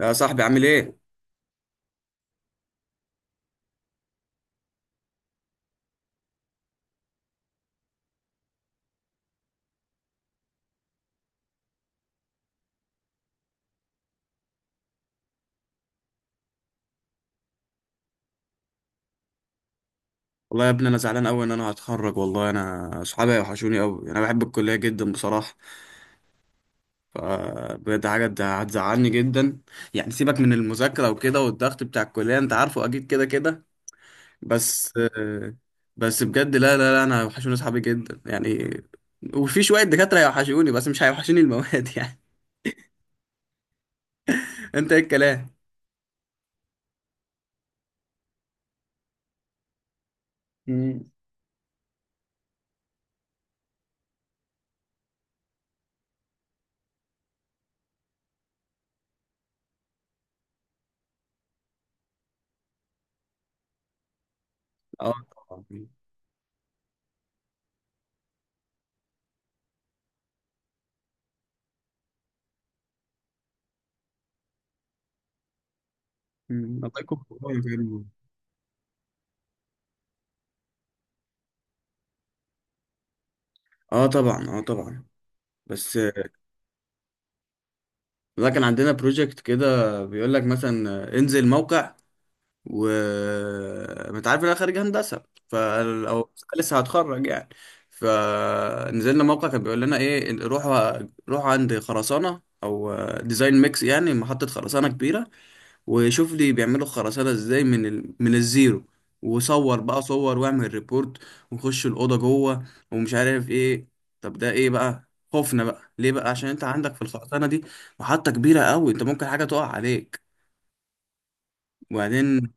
يا صاحبي عامل ايه؟ والله يا ابني انا زعلان قوي ان انا هتخرج. والله انا اصحابي وحشوني قوي، انا بحب الكليه جدا بصراحه. فبجد حاجه هتزعلني جدا. يعني سيبك من المذاكره وكده والضغط بتاع الكليه، انت عارفه اكيد كده كده. بس بس بجد لا انا وحشوني اصحابي جدا يعني. وفي شويه دكاتره هيوحشوني، بس مش هيوحشوني المواد يعني. انت ايه الكلام؟ مم. اه طبعا. مم. الله يكون في عونك يا ابني. اه طبعا، اه طبعا بس. لا كان عندنا بروجكت كده بيقول لك مثلا انزل موقع، و انت عارف إن انا خارج هندسه، ف او لسه هتخرج يعني. فنزلنا موقع كان بيقول لنا ايه، روحوا روحوا عند خرسانه او ديزاين ميكس، يعني محطه خرسانه كبيره، وشوف لي بيعملوا خرسانة ازاي من من الزيرو. وصور بقى، صور واعمل ريبورت ونخش الأوضة جوه ومش عارف ايه. طب ده ايه بقى خوفنا بقى ليه بقى؟ عشان انت عندك في الخرسانة دي محطة كبيرة قوي، انت ممكن حاجة تقع عليك. وبعدين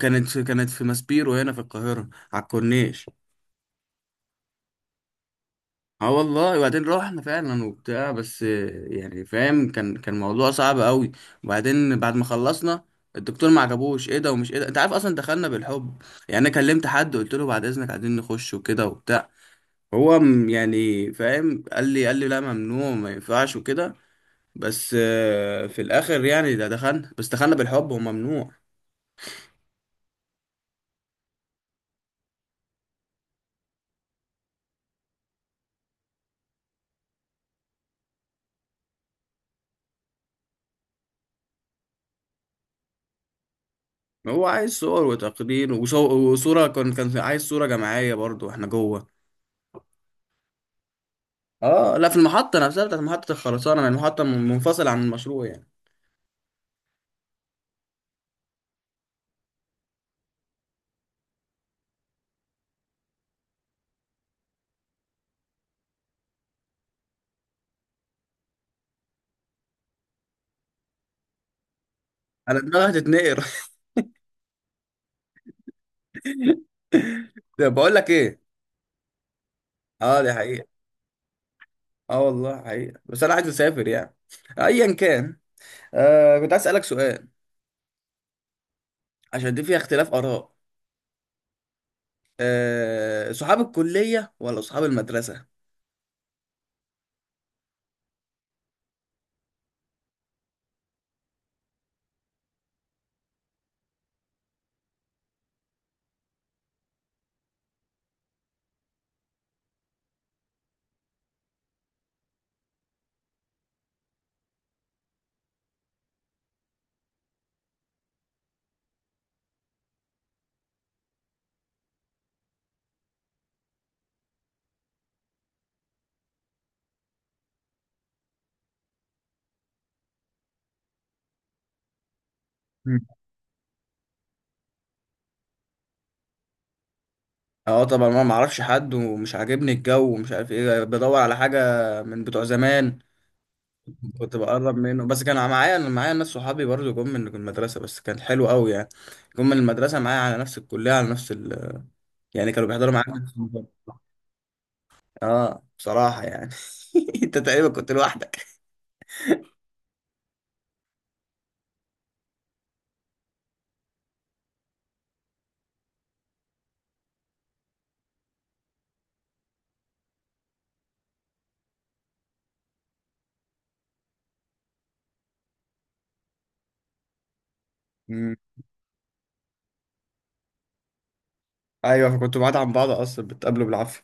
كانت في ماسبيرو هنا في القاهرة على الكورنيش. اه والله. وبعدين روحنا فعلا وبتاع، بس يعني فاهم، كان موضوع صعب قوي. وبعدين بعد ما خلصنا الدكتور ما عجبوش ايه ده ومش ايه ده، انت عارف اصلا دخلنا بالحب يعني. انا كلمت حد قلت له بعد اذنك عايزين نخش وكده وبتاع، هو يعني فاهم، قال لي، قال لي لا ممنوع ما ينفعش وكده. بس في الاخر يعني ده دخلنا، بس دخلنا بالحب وممنوع. هو عايز صور وتقرير وصورة، كان عايز صورة جماعية برضو واحنا جوه. اه لا، في المحطة نفسها بتاعت محطة الخرسانة، يعني المحطة منفصلة عن المشروع يعني. انا دماغي هتتنقر. طب بقول لك ايه. اه دي حقيقة. اه والله حقيقة، بس انا عايز اسافر يعني، ايا كان. آه كنت عايز اسألك سؤال، عشان دي فيها اختلاف اراء. آه، صحاب الكلية ولا صحاب المدرسة؟ مم. اه طبعا، ما معرفش حد ومش عاجبني الجو ومش عارف ايه، بدور على حاجة من بتوع زمان. كنت بقرب منه، بس كان معايا، انا معايا ناس صحابي برضو جم من المدرسه، بس كان حلو قوي يعني. جم من المدرسه معايا على نفس الكليه على نفس يعني كانوا بيحضروا معايا نفس المدرسة. اه بصراحه يعني. انت تقريبا كنت لوحدك. مم. ايوه، فكنت بعاد عن بعض اصلا، بتقابلوا بالعافيه.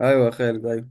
ايوه يا خالد ايوه.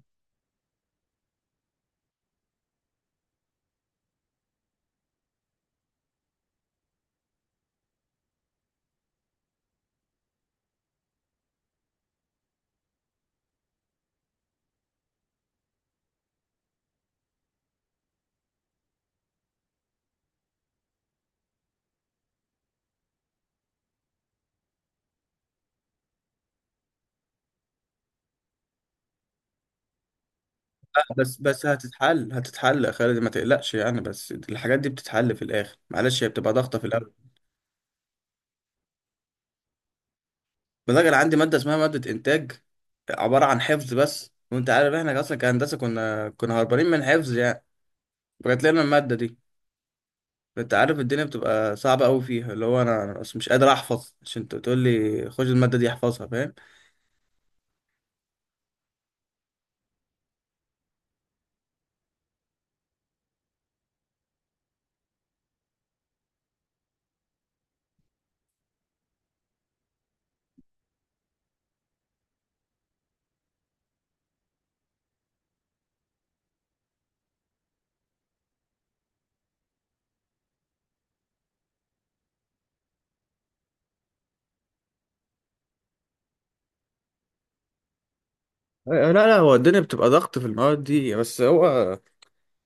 لا، بس هتتحل، هتتحل يا خالد ما تقلقش يعني. بس الحاجات دي بتتحل في الاخر، معلش هي بتبقى ضغطه في الاول. بلاقي انا عندي ماده اسمها ماده انتاج، عباره عن حفظ بس، وانت عارف احنا اصلا كهندسه كنا هربانين من حفظ يعني. جات لنا المادة دي. انت عارف الدنيا بتبقى صعبة قوي فيها، اللي هو انا بس مش قادر احفظ. عشان انت بتقول لي خش المادة دي احفظها، فاهم؟ لا هو الدنيا بتبقى ضغط في المواد دي، بس هو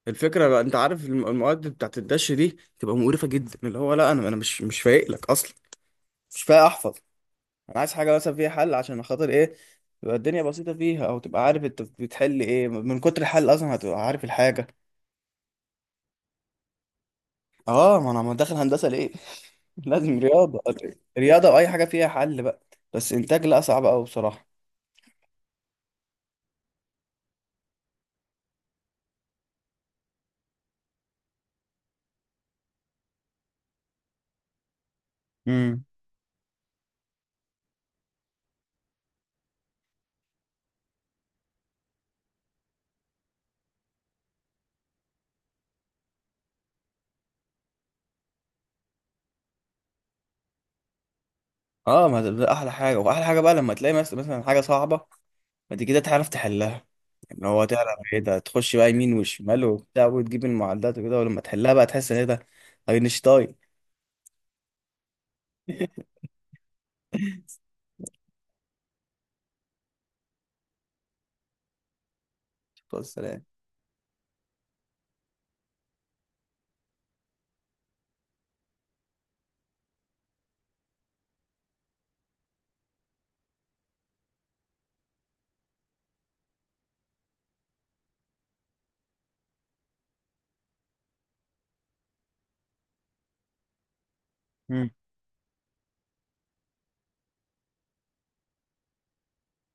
الفكره بقى، انت عارف المواد بتاعت الدش دي بتبقى مقرفه جدا. اللي هو لا انا مش مش فايق لك اصلا، مش فايق احفظ. انا عايز حاجه مثلا فيها حل، عشان خاطر ايه؟ تبقى الدنيا بسيطه فيها، او تبقى عارف انت بتحل ايه، من كتر الحل اصلا هتبقى عارف الحاجه. اه ما انا ما داخل هندسه ليه؟ لازم رياضه. رياضه واي حاجه فيها حل بقى. بس انتاج لا، صعب قوي بصراحه. امم. اه ما ده ده احلى حاجه. واحلى حاجه بقى لما تلاقي مثلا حاجه صعبه، بعد كده تعرف تحلها. ان هو تعرف ايه ده، تخش بقى يمين وشمال وبتاع وتجيب المعدات وكده، ولما تحلها بقى تحس ان ايه ده، اينشتاين. بص لا. امم.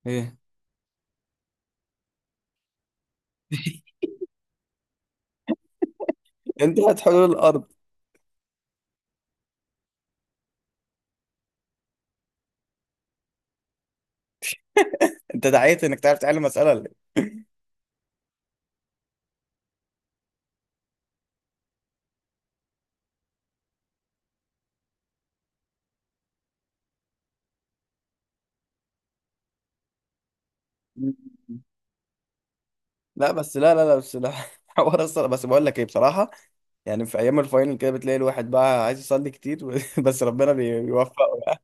ايه. انت هتحلول الارض. انت دعيت انك تعرف تحل مساله ولا إيه؟ لا بس لا لا لا بس لا حوار اصلا، بس بقول لك ايه بصراحه، يعني في ايام الفاينل كده بتلاقي الواحد بقى عايز يصلي كتير بس ربنا بيوفقه يعني.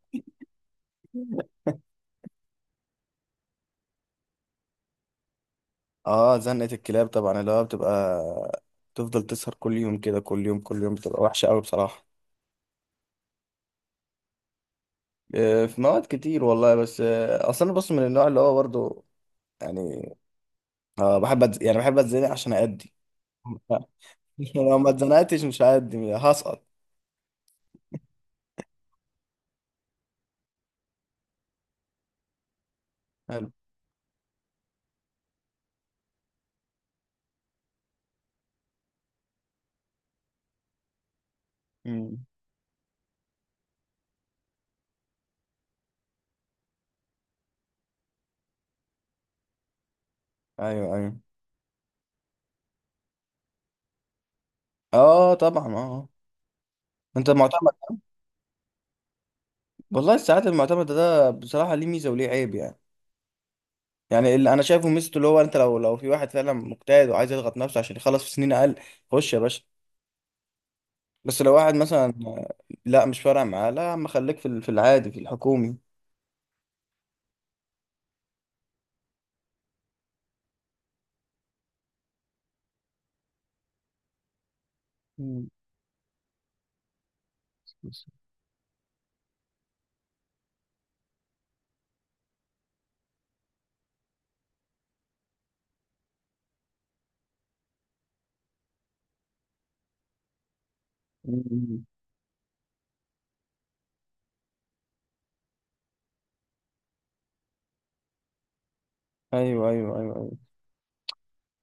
اه زنقه الكلاب طبعا، اللي هو بتبقى تفضل تسهر كل يوم كده، كل يوم كل يوم، بتبقى وحشه قوي بصراحه. في مواد كتير والله، بس اصل انا بص من النوع اللي هو برضو يعني اه بحب يعني بحب اتزنق عشان ادي. لو ما اتزنقتش مش هادي، هسقط. حلو. مم. ايوه ايوه. اه طبعا اه. انت معتمد؟ والله الساعات المعتمدة ده بصراحة ليه ميزة وليه عيب يعني. يعني اللي أنا شايفه ميزته اللي هو أنت لو في واحد فعلا مجتهد وعايز يضغط نفسه عشان يخلص في سنين أقل، خش يا باشا. بس لو واحد مثلا لا مش فارق معاه، لا يا عم خليك في في العادي في الحكومي. مم. بس. مم. أيوه أيوه أيوه أيوه.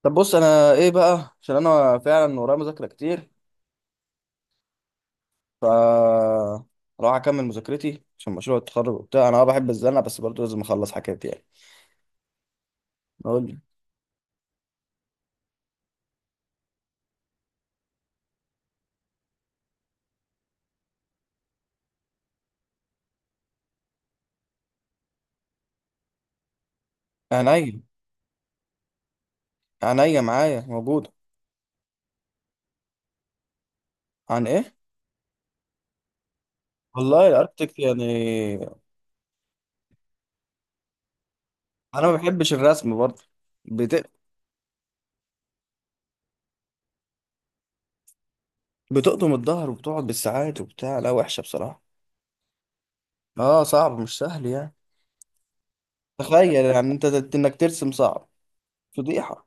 طب بص أنا إيه بقى؟ عشان أنا فعلا ورايا مذاكرة كتير، ف راح أكمل مذاكرتي عشان مشروع التخرج وبتاع. أنا أه بحب الزنقة بس برضه لازم أخلص حاجات يعني. قول لي. عينيا. عينيا معايا موجود. عن ايه؟ والله الاركتيك يعني. انا ما بحبش الرسم برضه. بت... بتقطم الظهر وبتقعد بالساعات وبتاع، لا وحشه بصراحه. اه صعب، مش سهل يعني. تخيل يعني انت انك ترسم صعب، فضيحه.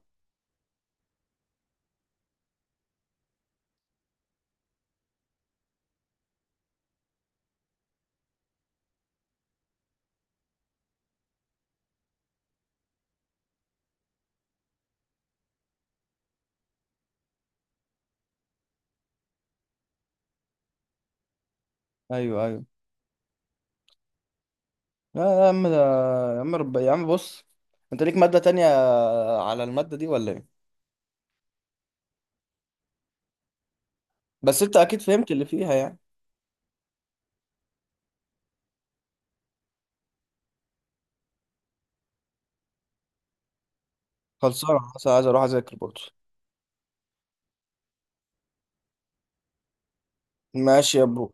ايوه ايوه. لا يا عم ده، يا عم يا عم بص، انت ليك ماده تانية على الماده دي ولا ايه؟ بس انت اكيد فهمت اللي فيها يعني. خلصانه، بس عايز اروح اذاكر برضه. ماشي يا برو